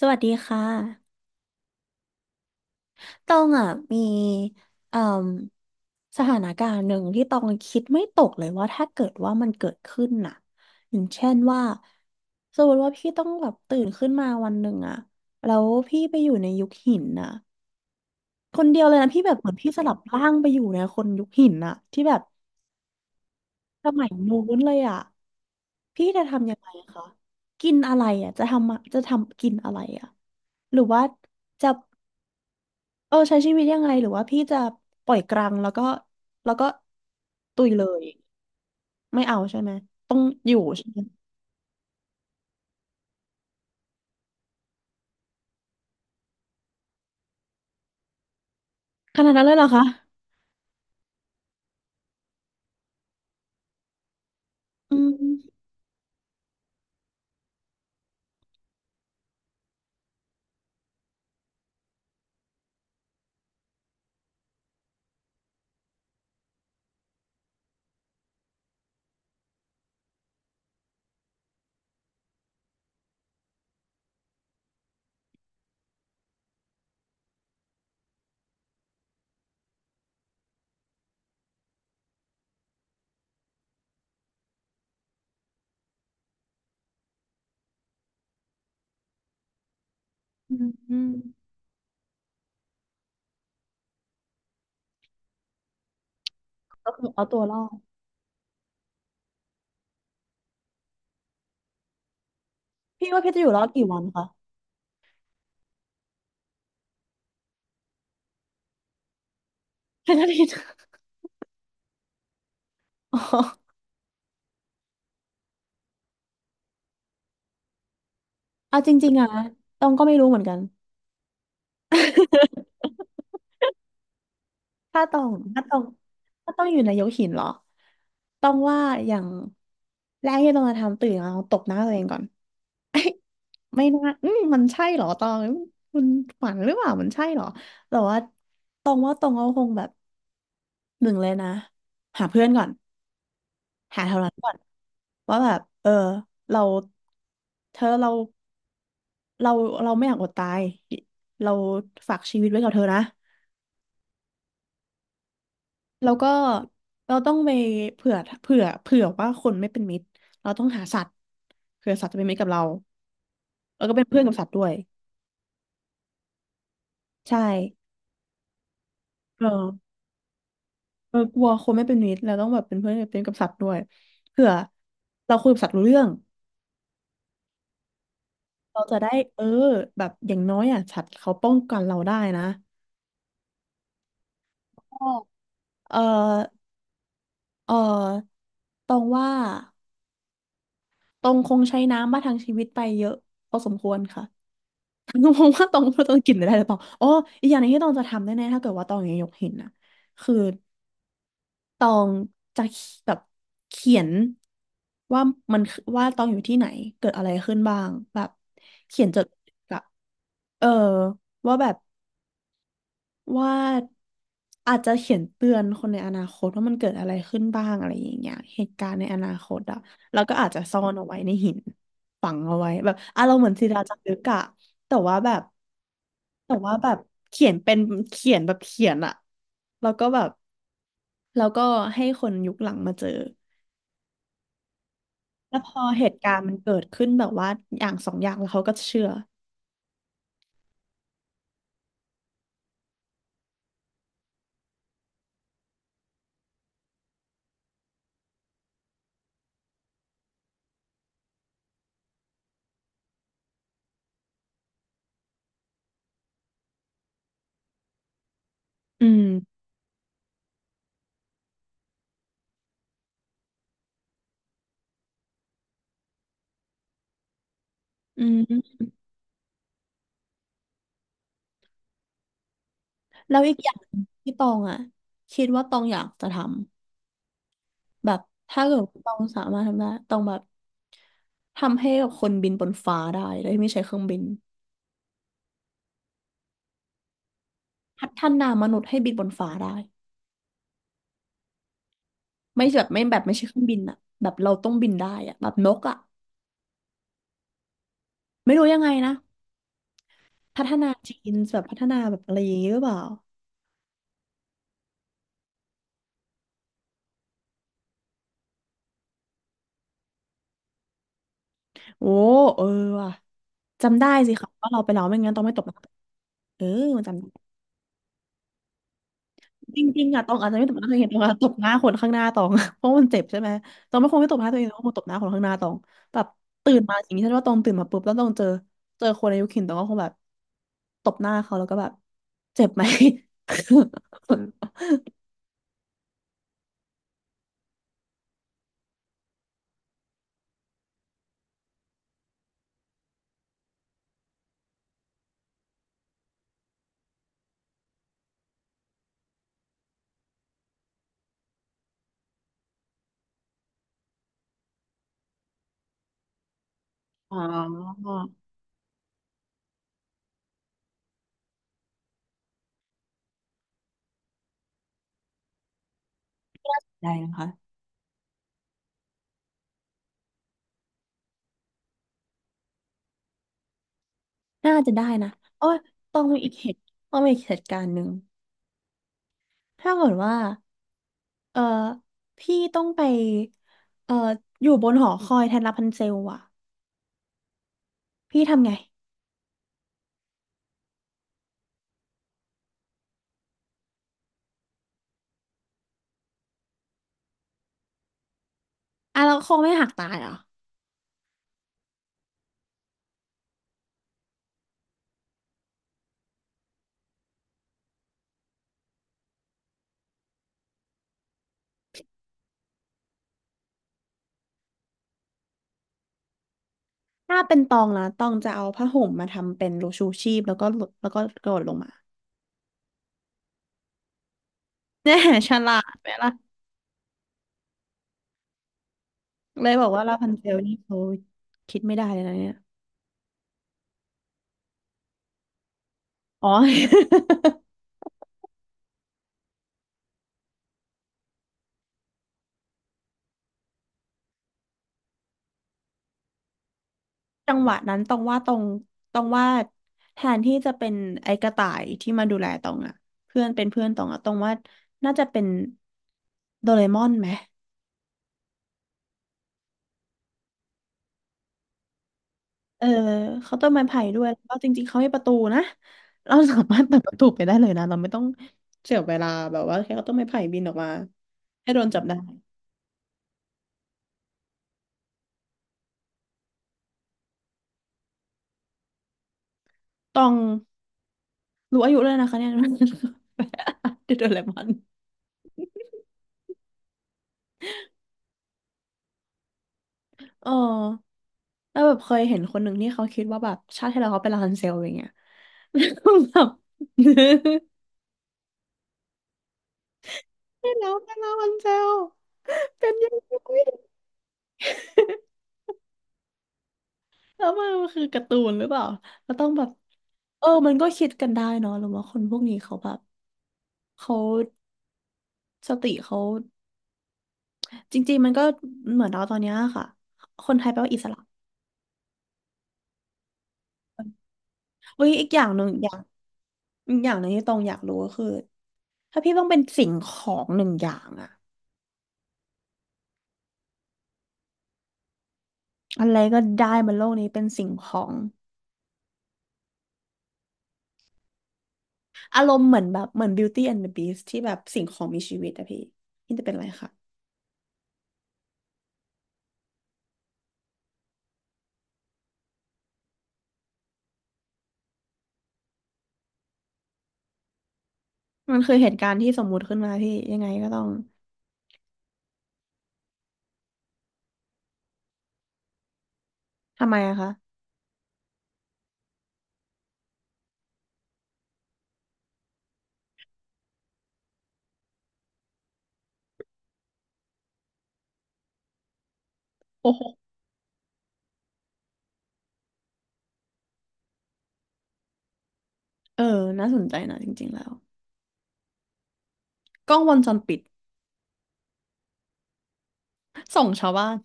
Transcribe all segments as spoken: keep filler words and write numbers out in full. สวัสดีค่ะต้องอ่ะมีเอ่มสถานการณ์หนึ่งที่ต้องคิดไม่ตกเลยว่าถ้าเกิดว่ามันเกิดขึ้นน่ะอย่างเช่นว่าสมมติว่าพี่ต้องแบบตื่นขึ้นมาวันหนึ่งอ่ะแล้วพี่ไปอยู่ในยุคหินน่ะคนเดียวเลยนะพี่แบบเหมือนพี่สลับร่างไปอยู่ในคนยุคหินน่ะที่แบบสมัยนู้นเลยอ่ะพี่จะทำยังไงคะกินอะไรอ่ะจะทำจะทำกินอะไรอ่ะหรือว่าจะ เออใช้ชีวิตยังไงหรือว่าพี่จะปล่อยกลางแล้วก็แล้วก็ตุยเลยไม่เอาใช่ไหมต้องอยู่ใช่ไหมขนาดนั้นเลยเหรอคะอืมอืมอืมก็คือเอาตัวรอดพี่ว่าพี่จะอยู่รอดกี่วันคะแค่นั้นเอง อ๋อเอาจริงๆอะตองก็ไม่รู้เหมือนกัน ถ้าตองถ้าตองถ้าต้องอยู่ในยกหินเหรอต้องว่าอย่างแรกที่ต้องจะทำตื่นมาองตบหน้าตัวเองก่อน เอ้ยไม่น่าอืมมันใช่เหรอตองคุณฝันหรือเปล่ามันใช่เหรอแต่ว่าตองว่าตองก็คงแบบหนึ่งเลยนะหาเพื่อนก่อนหาแถวนั้นก่อนว่าแบบเออเราเธอเราเราเราไม่อยากอดตายเราฝากชีวิตไว้กับเธอนะแล้วก็เราต้องไปเผื่อเผื่อเผื่อว่าคนไม่เป็นมิตรเราต้องหาสัตว์เผื่อสัตว์จะเป็นมิตรกับเราแล้วก็เป็นเพื่อนกับสัตว์ด้วยใช่เออ เออกลัวคนไม่เป็นมิตรเราต้องแบบเป็นเพื่อนเป็นกับสัตว์ด้วยเผื่อเราคุยกับสัตว์รู้เรื่องเราจะได้เออแบบอย่างน้อยอ่ะสัตว์เขาป้องกันเราได้นะเออเออตรงว่าตรงคงใช้น้ำมาทางชีวิตไปเยอะพอสมควรค่ะ ตรงว่าตรงตรงกินได้หรือเปล่าอ๋ออีกอย่างหนึงที่ตองจะทำแน่ๆถ้าเกิดว่าตองยังยกหินนะคือ ตองจะแบบเขียนว่ามันคือว่าตองอยู่ที่ไหนเกิดอะไรขึ้นบ้างแบบเขียนจดแบบเออว่าแบบว่าอาจจะเขียนเตือนคนในอนาคตว่ามันเกิดอะไรขึ้นบ้างอะไรอย่างเงี้ยเหตุการณ์ในอนาคตอะแล้วก็อาจจะซ่อนเอาไว้ในหินฝังเอาไว้แบบอารมณ์เหมือนศิลาจารึกอะแต่ว่าแบบแต่ว่าแบบเขียนเป็นเขียนแบบเขียนอะแล้วก็แบบแล้วก็ให้คนยุคหลังมาเจอ แล้วพอเหตุการณ์มันเกิดขึ้นแบบว่าอย่างสองอย่างแล้วเขาก็เชื่ออืมอืมแล้วอีกอย่างที่ตองอ่ะคิดว่าตองอยากจะทำแบบถ้าเกิดตองสามารถทำได้ตองแบบทำให้กับคนบินบนฟ้าได้โดยไม่ใช้เครื่องบินพัฒนามนุษย์ให้บินบนฟ้าได้ไม่แบบไม่แบบไม่ใช่เครื่องบินอ่ะแบบเราต้องบินได้อ่ะแบบนกอ่ะไม่รู้ยังไงนะพัฒนาจีนแบบพัฒนาแบบอะไรอย่างงี้หรือเปล่าโอ้เออว่ะจำได้สิค่ะว่าเราไปแล้วไม่งั้นต้องไม่ตก เออจำจริงๆอะตองอาจจะไม่ตบหน้าตัวเองตองอะตบหน้าคนข้างหน้าตอง เพราะมันเจ็บใช่ไหมตองไม่คงไม่ตบหน้าตัวเองตองคงตบหน้าคนข้างหน้าตองแบบตื่นมาอย่างนี้ฉันว่าตองตื่นมาปุ๊บแล้วตองเจอเจอคนอายุเข็นตองก็คงแบบตบหน้าเขาแล้วก็แบบเจ็บไหม อ๋อได้นะคะน่าจะได้นะโอ้ยต้องมีอีกเหตุต้องมีอีกเหตุการณ์หนึ่งถ้าเกิดว่าเออพี่ต้องไปเอออยู่บนหอคอยแทนรับพันเซลอะพี่ทำไง อ่ะเราคงไม่หักตายเหรอถ้าเป็นตองนะตองจะเอาผ้าห่มมาทำเป็นรูชูชีพแล้วก็หลดแล้วก็กระโดดลงมา เนี่ยฉลาดไหมล่ะเลยบอกว่าลาพันเซลนี่เขาคิดไม่ได้เลยนะเนี่ยอ๋อ จังหวะนั้นตองว่าตองตองว่าแทนที่จะเป็นไอ้กระต่ายที่มาดูแลตองอะเพื่อนเป็นเพื่อนตองอะตองว่าน่าจะเป็นโดเรมอนไหม เออเคาน์เตอร์ไม้ไผ่ด้วยแล้วก็จริงๆเขาให้ประตูนะเราสามารถเปิดประตูไปได้เลยนะเราไม่ต้องเสียเวลาแบบว่าแค่เคาน์เตอร์ไม้ไผ่บินออกมาให้โดนจับได้ต้องรู้อายุเลยนะคะเนี่ย เดโดเรมอนเออแล้วแบบเคยเห็นคนหนึ่งที่เขาคิดว่าแบบชาติที่แล้วเขาเป็นราพันเซลอย่างเงี้ย แล้วแบบ ที่แล้วเป็นราพันเซลเป็นยังไง แล้วมันคือการ์ตูนหรือเปล่าเราต้องแบบเออมันก็คิดกันได้เนาะหรือว่าคนพวกนี้เขาแบบเขาสติเขาจริงๆมันก็เหมือนเราตอนเนี้ยค่ะคนไทยแปลว่าอิสระเฮ้ยอีกอย่างหนึ่งอย่างอีกอย่างหนึ่งที่ตองอยากรู้ก็คือถ้าพี่ต้องเป็นสิ่งของหนึ่งอย่างอะอะไรก็ได้บนโลกนี้เป็นสิ่งของอารมณ์เหมือนแบบเหมือน Beauty and the Beast ที่แบบสิ่งของมีชีวิตอะพี่พี่จะเป็นอะไรคะมันคือเหตุการณ์ที่สมมุติขึ้นมาพี่ยังไงก็ต้องทำไมอะคะ เออน่าสนใจนะจริงๆแล้วกล้องวงจรปิดส่องชาวบ้าน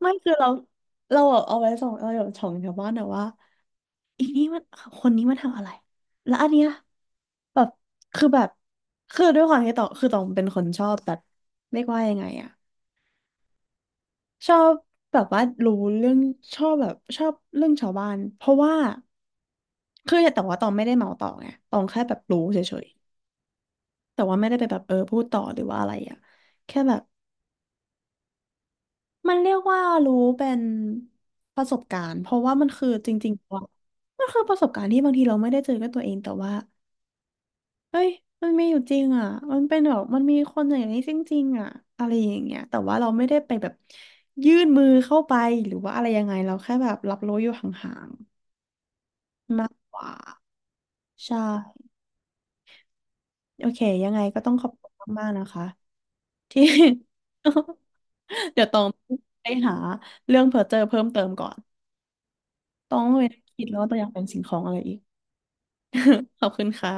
ไม่คือเราเราแบบเอาไว้ส่องเราแบบส่องชาวบ้านอะว่าอีนี่มันคนนี้มันทำอะไรแล้วอันเนี้ยแบบคือแบบคือด้วยความที่ตองคือตองเป็นคนชอบแบบเรียกว่ายังไงอะชอบแบบว่ารู้เรื่องชอบแบบชอบเรื่องชาวบ้านเพราะว่าคือแต่ว่าตองไม่ได้เมาต่อไงตองแค่แบบรู้เฉยๆแต่ว่าไม่ได้ไปแบบเออพูดต่อหรือว่าอะไรอะแค่แบบ มันเรียกว่ารู้เป็นประสบการณ์เพราะว่ามันคือจริงๆว่ามันคือประสบการณ์ที่บางทีเราไม่ได้เจอกับตัวเองแต่ว่าเฮ้ยมันมีอยู่จริงอ่ะมันเป็นแบบมันมีคนอย่างนี้จริงๆอ่ะอะไรอย่างเงี้ยแต่ว่าเราไม่ได้ไปแบบยื่นมือเข้าไปหรือว่าอะไรยังไงเราแค่แบบรับรู้อยู่ห่างๆมากกว่าใช่โอเคยังไงก็ต้องขอบคุณมากๆนะคะที่ เดี๋ยวต้องไปหาเรื่องเพอเจอเพิ่มเติมก่อน ต้องไปคิดแล้วว่าตัวอยากเป็นสิ่งของอะไรอีก ขอบคุณค่ะ